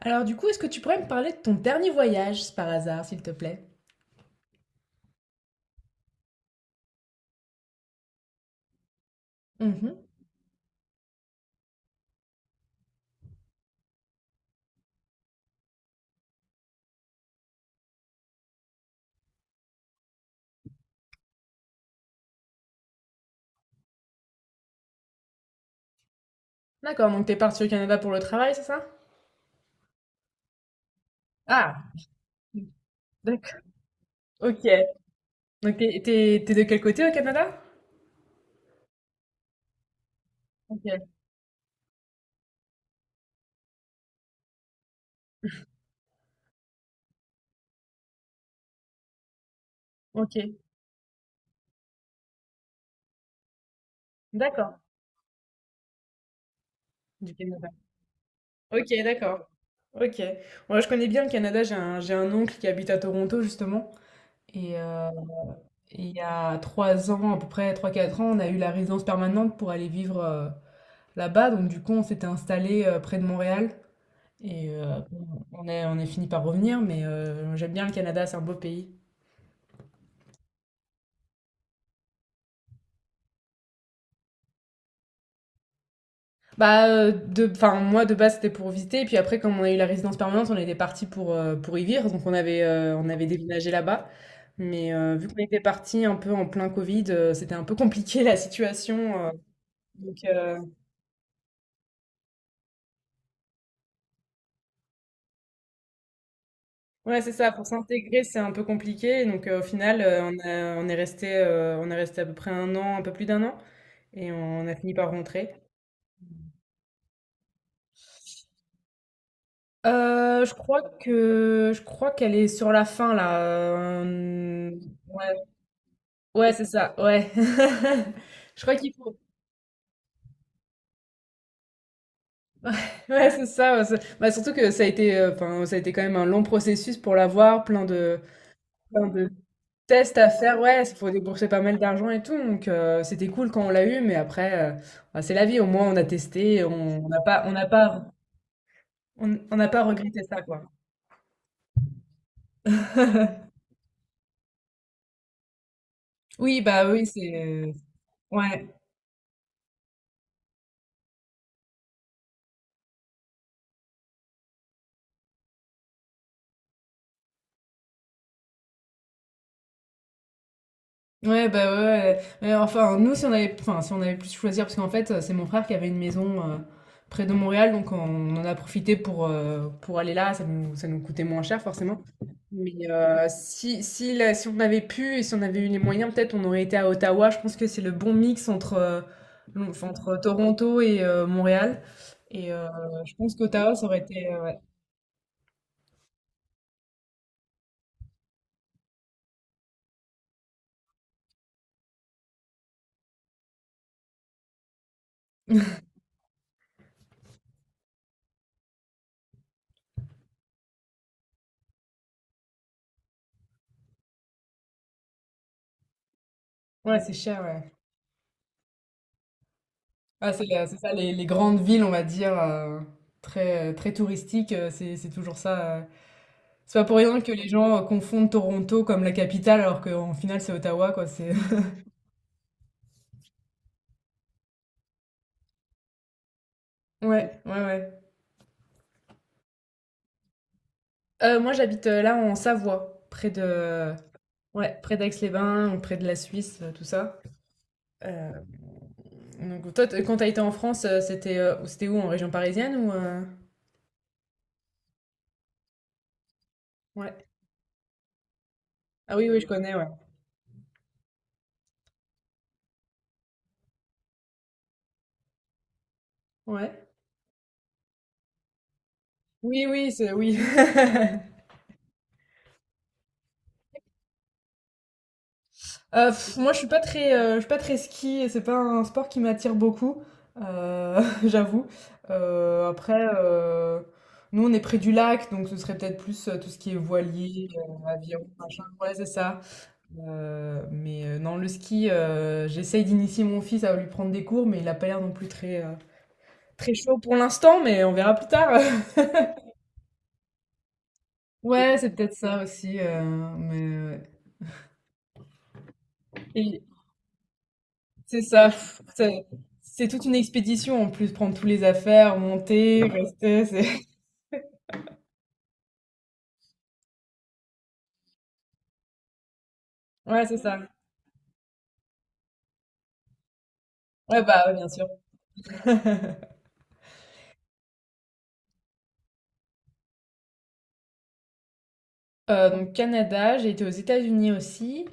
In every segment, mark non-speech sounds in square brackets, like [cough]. Alors du coup, est-ce que tu pourrais me parler de ton dernier voyage, par hasard, s'il te plaît? Mhm. D'accord, donc t'es parti au Canada pour le travail, c'est ça? Ah, d'accord. Ok. Donc t'es de quel côté au Canada? Ok, ok, d'accord. Du Canada. Ok, d'accord. Ok. Moi, je connais bien le Canada. J'ai un oncle qui habite à Toronto, justement. Et il y a trois ans, à peu près trois quatre ans, on a eu la résidence permanente pour aller vivre là-bas. Donc, du coup, on s'était installé près de Montréal. Et on est fini par revenir, mais j'aime bien le Canada, c'est un beau pays. Bah, de, enfin, moi de base c'était pour visiter, et puis après, comme on a eu la résidence permanente, on était parti pour y vivre, donc on avait déménagé là-bas. Mais vu qu'on était parti un peu en plein Covid, c'était un peu compliqué la situation. Donc, euh, ouais, c'est ça, pour s'intégrer, c'est un peu compliqué. Donc, au final, on est resté à peu près un an, un peu plus d'un an, et on a fini par rentrer. Je crois que je crois qu'elle est sur la fin là. Ouais, ouais, c'est ça. Ouais. [laughs] Je crois qu'il faut. Ouais, c'est ça. Ouais, c'est- bah, surtout que ça a été, enfin, ça a été quand même un long processus pour l'avoir, plein de tests à faire. Ouais, il faut débourser pas mal d'argent et tout. Donc c'était cool quand on l'a eu, mais après, bah, c'est la vie. Au moins, on a testé, on n'a pas regretté ça, quoi. Oui, bah oui, c'est. Ouais. Ouais, bah ouais, ouais. Mais enfin, nous, si on avait, enfin, si on avait plus choisir, parce qu'en fait, c'est mon frère qui avait une maison près de Montréal, donc on en a profité pour aller là, ça nous coûtait moins cher, forcément. Mais si, si, la si on avait pu et si on avait eu les moyens, peut-être on aurait été à Ottawa. Je pense que c'est le bon mix entre, enfin, entre Toronto et Montréal. Et je pense qu'Ottawa, ça aurait été... ouais, ouais, c'est cher, ouais. Ah, c'est ça, les grandes villes, on va dire, très, très touristiques, c'est toujours ça. Euh, c'est pas pour rien que les gens confondent Toronto comme la capitale, alors qu'en final, c'est Ottawa, quoi. C'est... [laughs] Ouais, ouais, ouais. Moi, j'habite là en Savoie, près de... Ouais, près d'Aix-les-Bains, ou près de la Suisse, tout ça. Euh, donc, toi, t- quand t'as été en France, c'était où, en région parisienne ou... ouais. Ah oui, oui, je connais, ouais. Ouais. Oui, oui, c'est... Oui. [laughs] Pff, moi, je suis pas très, je suis pas très ski et c'est pas un sport qui m'attire beaucoup, [laughs] j'avoue. Euh, après, euh, Nous, on est près du lac, donc ce serait peut-être plus tout ce qui est voilier, aviron, machin. Ouais, c'est ça. Non, le ski, j'essaye d'initier mon fils à lui prendre des cours, mais il a pas l'air non plus très, très chaud pour l'instant, mais on verra plus tard. [laughs] Ouais, c'est peut-être ça aussi. Euh, mais... euh, c'est ça. Pff, c'est toute une expédition en plus, prendre tous les affaires, monter, rester. C'est... [laughs] Ouais, c'est ça. Ouais, bah, ouais, bien sûr. Donc, Canada, j'ai été aux États-Unis aussi.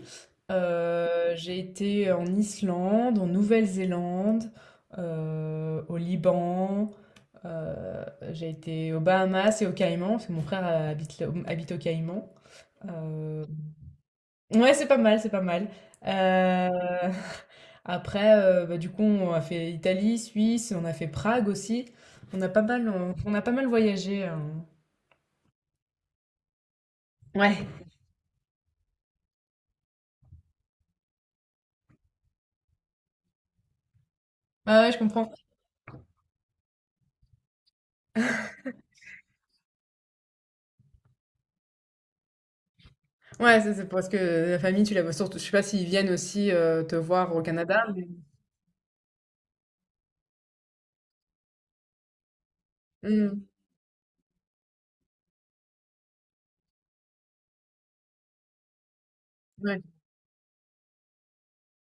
J'ai été en Islande, en Nouvelle-Zélande, au Liban. euh, j'ai été aux Bahamas et aux Caïmans, parce que mon frère habite aux Caïmans. Ouais, c'est pas mal, c'est pas mal. Heu, [laughs] après, bah, du coup, on a fait Italie, Suisse, on a fait Prague aussi. On a pas mal, on a pas mal voyagé, ouais. Ouais, ouais, je comprends. Ouais, c'est parce que la famille, tu la vois surtout je sais pas s'ils viennent aussi, te voir au Canada, mais mmh, ouais.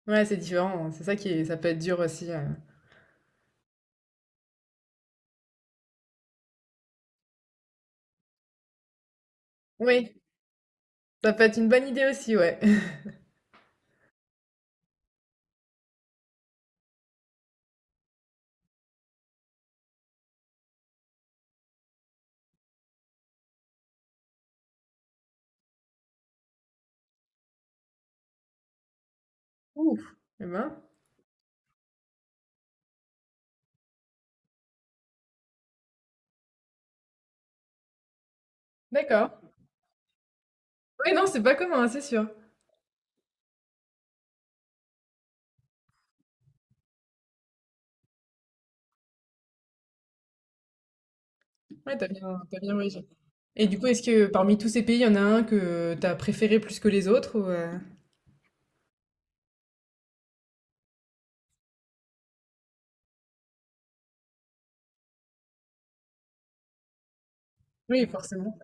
Ouais, c'est différent, hein. C'est ça qui est ça peut être dur aussi, oui, ça peut être une bonne idée aussi, ouais. [laughs] Ouf! Et ben, d'accord. Oui, non, c'est pas commun, hein, c'est sûr. Ouais, t'as bien voyagé. Et du coup, est-ce que parmi tous ces pays, il y en a un que t'as préféré plus que les autres ou, heu? Oui, forcément.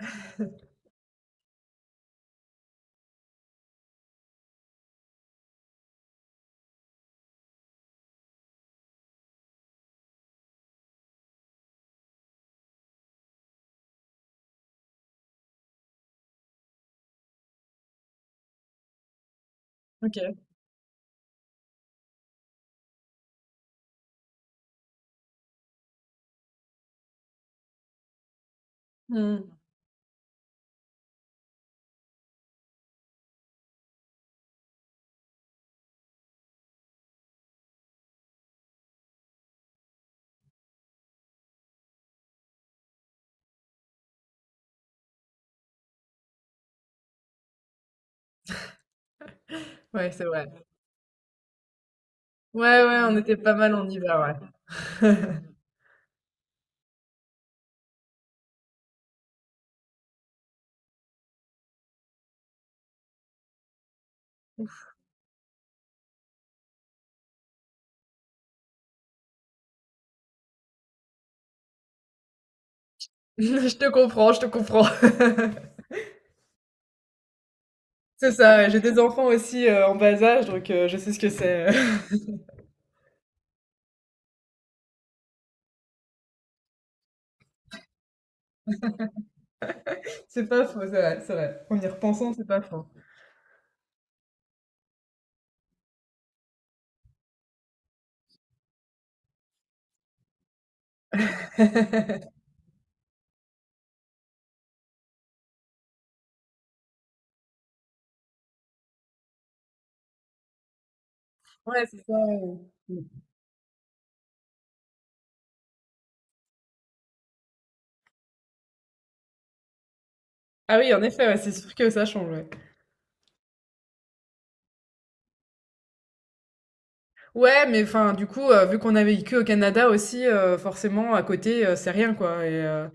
OK. Mmh. Ouais, c'est vrai. Ouais, ouais, on était pas mal en hiver, ouais. [laughs] Je te comprends. [laughs] C'est ça, ouais, j'ai des enfants aussi, en bas âge, donc je sais ce que c'est. [laughs] C'est pas faux, c'est vrai, c'est vrai. En y repensant, c'est pas faux. Ouais, c'est ça, ouais. Mmh. Ah oui, en effet, ouais, c'est sûr que ça change, ouais. Ouais, mais enfin, du coup, vu qu'on a vécu au Canada aussi, forcément à côté, c'est rien, quoi et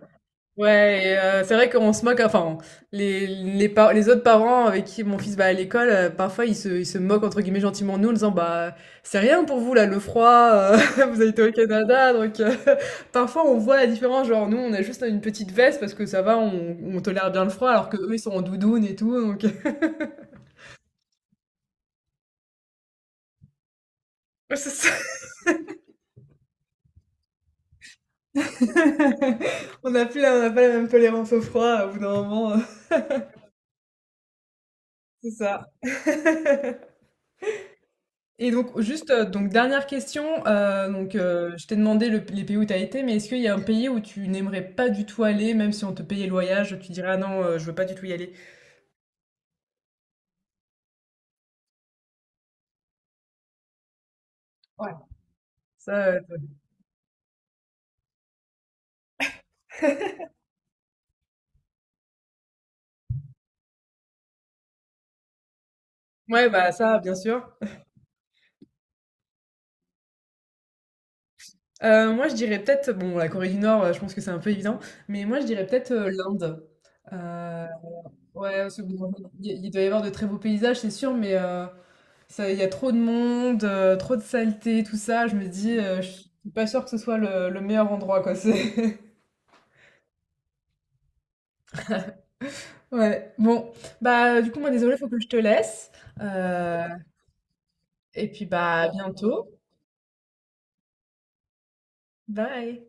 ouais et c'est vrai qu'on se moque, enfin, les par les autres parents avec qui mon fils va à l'école, parfois ils se «moquent» entre guillemets gentiment de nous en disant: «Bah, c'est rien pour vous là, le froid, [laughs] vous habitez au Canada donc [laughs] parfois on voit la différence, genre nous on a juste une petite veste parce que ça va, on tolère bien le froid alors que eux ils sont en doudoune et tout donc [laughs] c'est ça. [laughs] On n'a pas la même tolérance au froid au bout d'un moment, c'est ça. [laughs] Et donc, juste, donc dernière question. Je t'ai demandé les pays où tu as été, mais est-ce qu'il y a un pays où tu n'aimerais pas du tout aller, même si on te payait le voyage, tu dirais, ah non, je veux pas du tout y aller. Ouais. Ça, ouais, bah ça, bien sûr. Moi, je dirais peut-être, bon, la Corée du Nord, je pense que c'est un peu évident, mais moi, je dirais peut-être l'Inde. Euh, ouais, parce que bon, il doit y avoir de très beaux paysages, c'est sûr, mais ça, il y a trop de monde, trop de saleté, tout ça. Je me dis, je suis pas sûre que ce soit le meilleur endroit, quoi. C'est... Ouais, bon, bah, du coup, moi, désolée, faut que je te laisse, heu et puis, bah, à bientôt. Bye.